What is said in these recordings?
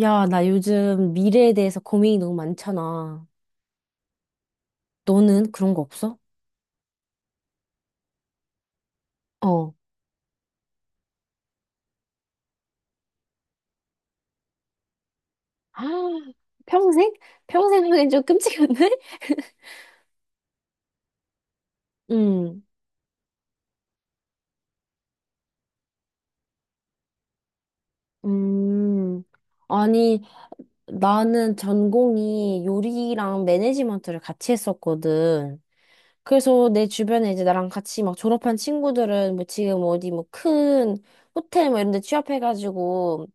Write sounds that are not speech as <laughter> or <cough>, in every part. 야, 나 요즘 미래에 대해서 고민이 너무 많잖아. 너는 그런 거 없어? 어. <gasps> 아, 평생? 평생 하기엔 좀 끔찍한데? <laughs> 음, 음. 아니, 나는 전공이 요리랑 매니지먼트를 같이 했었거든. 그래서 내 주변에 이제 나랑 같이 막 졸업한 친구들은 뭐 지금 어디 뭐 큰 호텔 뭐 이런 데 취업해가지고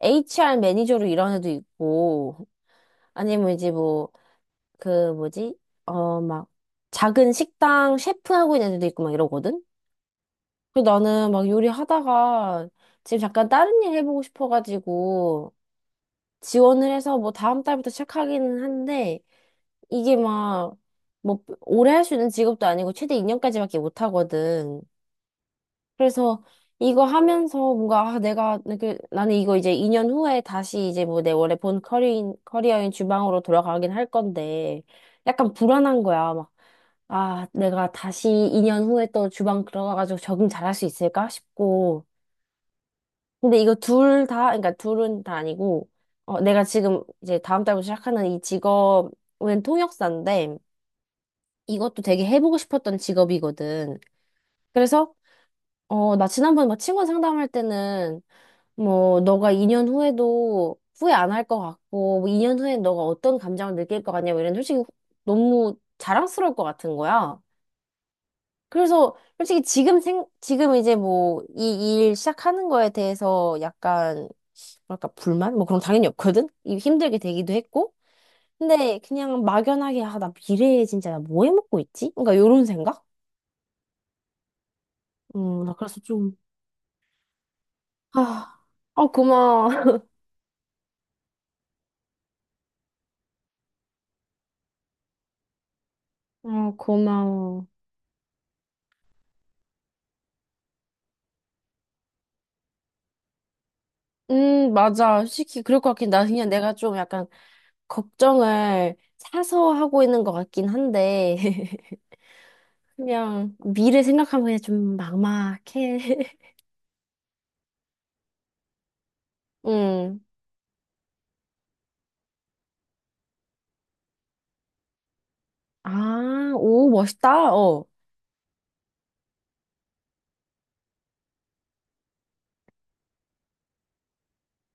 HR 매니저로 일하는 애도 있고 아니면 이제 뭐 그 뭐지? 어, 막 작은 식당 셰프 하고 있는 애들도 있고 막 이러거든? 그래서 나는 막 요리하다가 지금 잠깐 다른 일 해보고 싶어가지고 지원을 해서 뭐 다음 달부터 시작하기는 한데 이게 막 뭐 오래 할 수 있는 직업도 아니고 최대 2년까지밖에 못 하거든. 그래서 이거 하면서 뭔가 아, 내가 그 나는 이거 이제 2년 후에 다시 이제 뭐 내 원래 본 커리인 커리어인 주방으로 돌아가긴 할 건데 약간 불안한 거야. 막 아, 내가 다시 2년 후에 또 주방 들어가가지고 적응 잘할 수 있을까 싶고. 근데 이거 둘 다, 그러니까 둘은 다 아니고, 어, 내가 지금 이제 다음 달부터 시작하는 이 직업은 통역사인데, 이것도 되게 해보고 싶었던 직업이거든. 그래서, 어, 나 지난번에 막 친구 상담할 때는 뭐, 너가 2년 후에도 후회 안 할 것 같고, 뭐 2년 후에 너가 어떤 감정을 느낄 것 같냐, 뭐 이런 솔직히 너무 자랑스러울 것 같은 거야. 그래서 솔직히 지금 이제 뭐, 이 일 시작하는 거에 대해서 약간, 뭐랄까, 불만? 뭐 그런 거 당연히 없거든? 이 힘들게 되기도 했고. 근데 그냥 막연하게, 아, 나 미래에 진짜 나 뭐 해먹고 있지? 그러니까 요런 생각? 나 그래서 좀, 아, 어, 고마워. <laughs> 어, 고마워. 맞아. 솔직히 그럴 것 같긴. 나 그냥 내가 좀 약간 걱정을 사서 하고 있는 것 같긴 한데, <laughs> 그냥 미래 생각하면 그냥 좀 막막해. <laughs> 음. 아, 오, 멋있다. 어.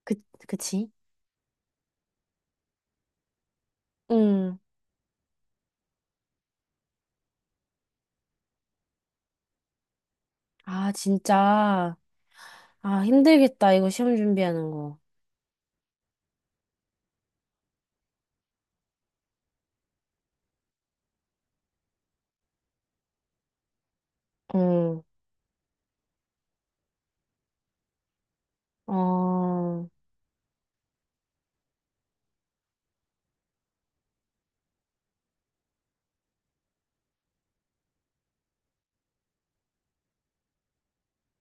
그, 그치? 음. 아, 진짜. 아, 힘들겠다. 이거 시험 준비하는 거. 응 어,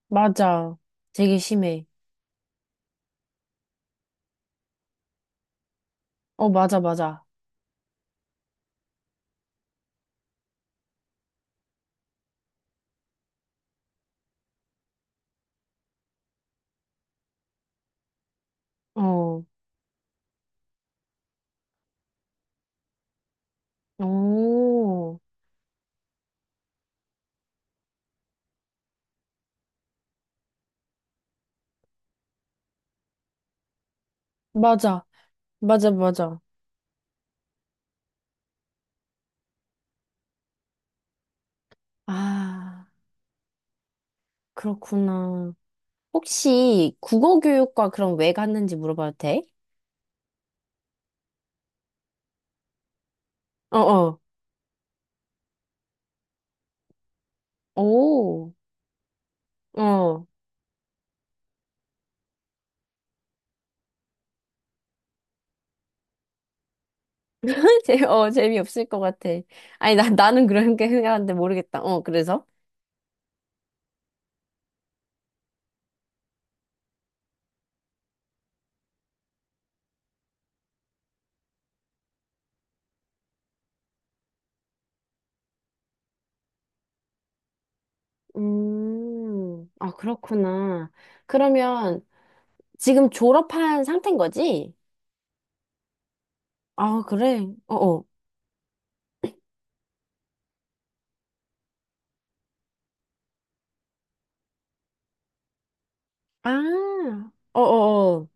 맞아. 되게 심해. 어, 맞아, 맞아. 어. 오. 맞아. 맞아, 맞아. 아. 그렇구나. 혹시 국어 교육과 그럼 왜 갔는지 물어봐도 돼? 어어, 오, 어. <laughs> 어, 재미없을 것 같아. 아니, 나는 그런 게 생각하는데 모르겠다. 어, 그래서? 아, 그렇구나. 그러면 지금 졸업한 상태인 거지? 아, 그래. 어 어. 아, 어어어.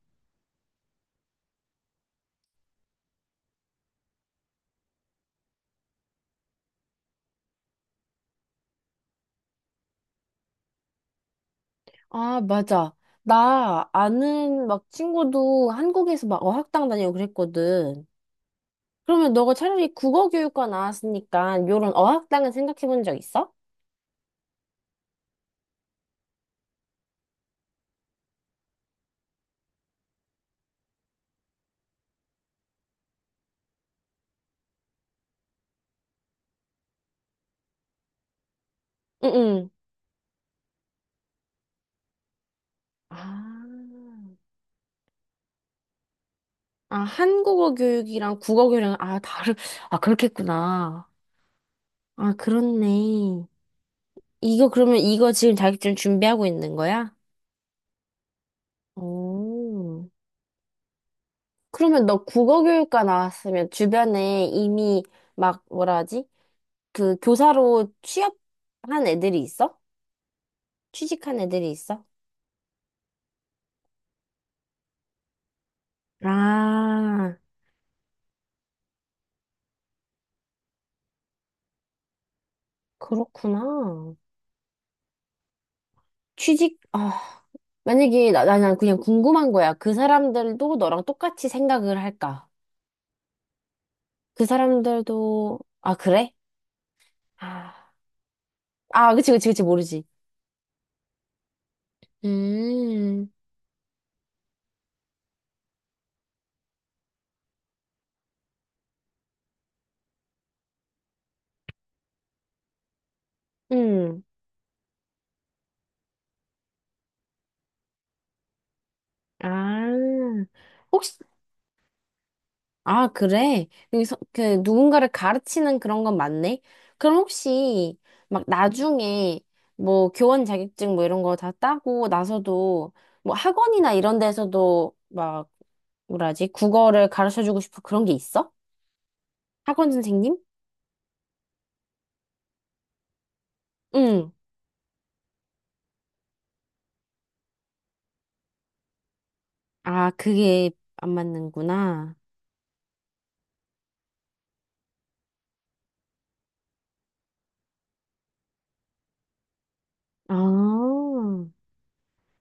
아, 맞아. 나 아는 막 친구도 한국에서 막 어학당 다니고 그랬거든. 그러면 너가 차라리 국어 교육과 나왔으니까 요런 어학당은 생각해 본 적 있어? 응응. 아, 아, 한국어 교육이랑 국어 교육이랑 아, 다른 아, 그렇겠구나. 아, 그렇네. 이거 그러면 이거 지금 자격증 준비하고 있는 거야? 오. 그러면 너 국어교육과 나왔으면 주변에 이미 막 뭐라 하지? 그 교사로 취업한 애들이 있어? 취직한 애들이 있어? 아, 그렇구나. 취직, 아, 만약에 나 그냥 궁금한 거야. 그 사람들도 너랑 똑같이 생각을 할까? 그 사람들도, 아, 그래? 아, 아, 그치, 그치, 그치, 모르지. 음, 음, 아. 혹시 아, 그래? 그, 누군가를 가르치는 그런 건 맞네? 그럼 혹시, 막, 나중에, 뭐, 교원 자격증 뭐 이런 거 다 따고 나서도, 뭐, 학원이나 이런 데서도, 막, 뭐라 하지? 국어를 가르쳐주고 싶어 그런 게 있어? 학원 선생님? 응. 아, 그게 안 맞는구나. 아,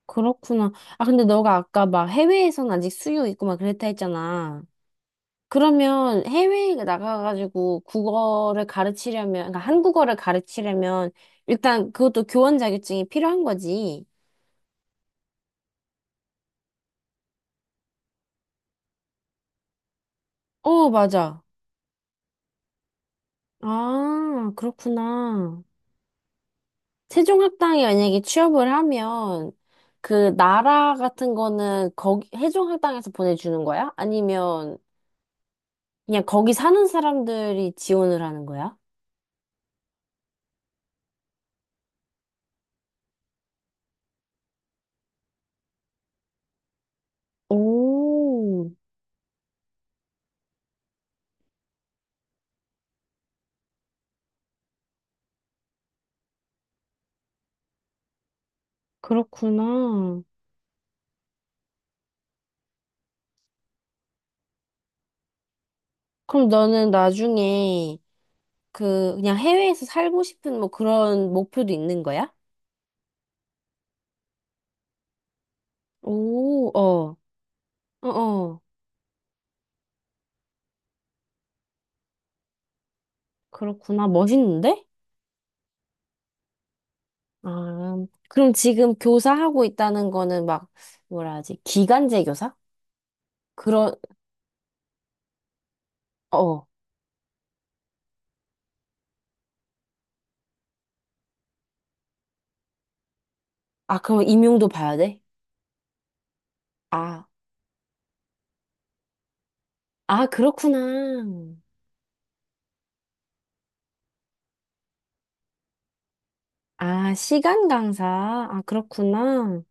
그렇구나. 아, 근데 너가 아까 막 해외에선 아직 수요 있고 막 그랬다 했잖아. 그러면 해외에 나가가지고 국어를 가르치려면, 그러니까 한국어를 가르치려면 일단 그것도 교원 자격증이 필요한 거지. 어, 맞아. 아, 그렇구나. 세종학당에 만약에 취업을 하면 그 나라 같은 거는 거기 세종학당에서 보내주는 거야? 아니면 그냥 거기 사는 사람들이 지원을 하는 거야? 오, 그렇구나. 그럼 너는 나중에 그냥 해외에서 살고 싶은 뭐 그런 목표도 있는 거야? 오, 어, 어, 어. 그렇구나. 멋있는데? 아, 그럼 지금 교사하고 있다는 거는 막, 뭐라 하지? 기간제 교사? 그런, 어. 아, 그럼 임용도 봐야 돼? 아, 아, 그렇구나. 아, 시간 강사. 아, 그렇구나.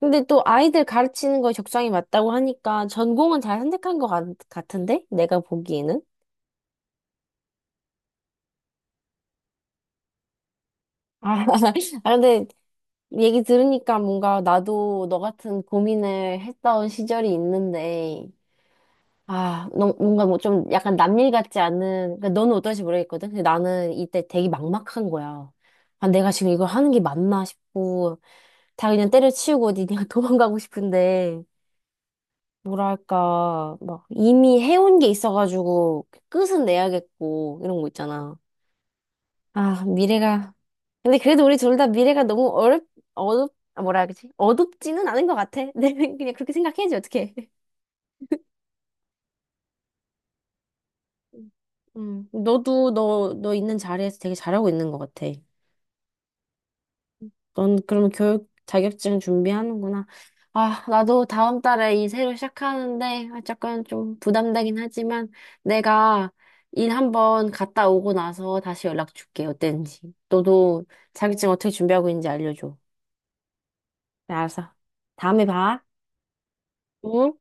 근데 또 아이들 가르치는 거에 적성이 맞다고 하니까 전공은 잘 선택한 같은데? 내가 보기에는? 아, <laughs> 아, 근데 얘기 들으니까 뭔가 나도 너 같은 고민을 했던 시절이 있는데, 아, 너, 뭔가 뭐 좀 약간 남일 같지 않은, 그러니까 너는 어떨지 모르겠거든? 근데 나는 이때 되게 막막한 거야. 아, 내가 지금 이걸 하는 게 맞나 싶고, 다 그냥 때려치우고 어디 그냥 <laughs> 도망가고 싶은데, 뭐랄까, 막 이미 해온 게 있어가지고 끝은 내야겠고, 이런 거 있잖아. 아, 미래가. 근데 그래도 우리 둘 다 미래가 너무 아, 뭐라 해야 되지? 어둡지는 않은 것 같아. <laughs> 내 그냥 그렇게 생각해야지, 어떡해. 음, 너도 너 있는 자리에서 되게 잘하고 있는 것 같아. 넌 그럼 교육 자격증 준비하는구나. 아, 나도 다음 달에 이 새로 시작하는데, 아, 약간 좀 부담되긴 하지만, 내가 일 한번 갔다 오고 나서 다시 연락 줄게, 어땠는지. 너도 자격증 어떻게 준비하고 있는지 알려줘. 네, 알았어. 다음에 봐. 어?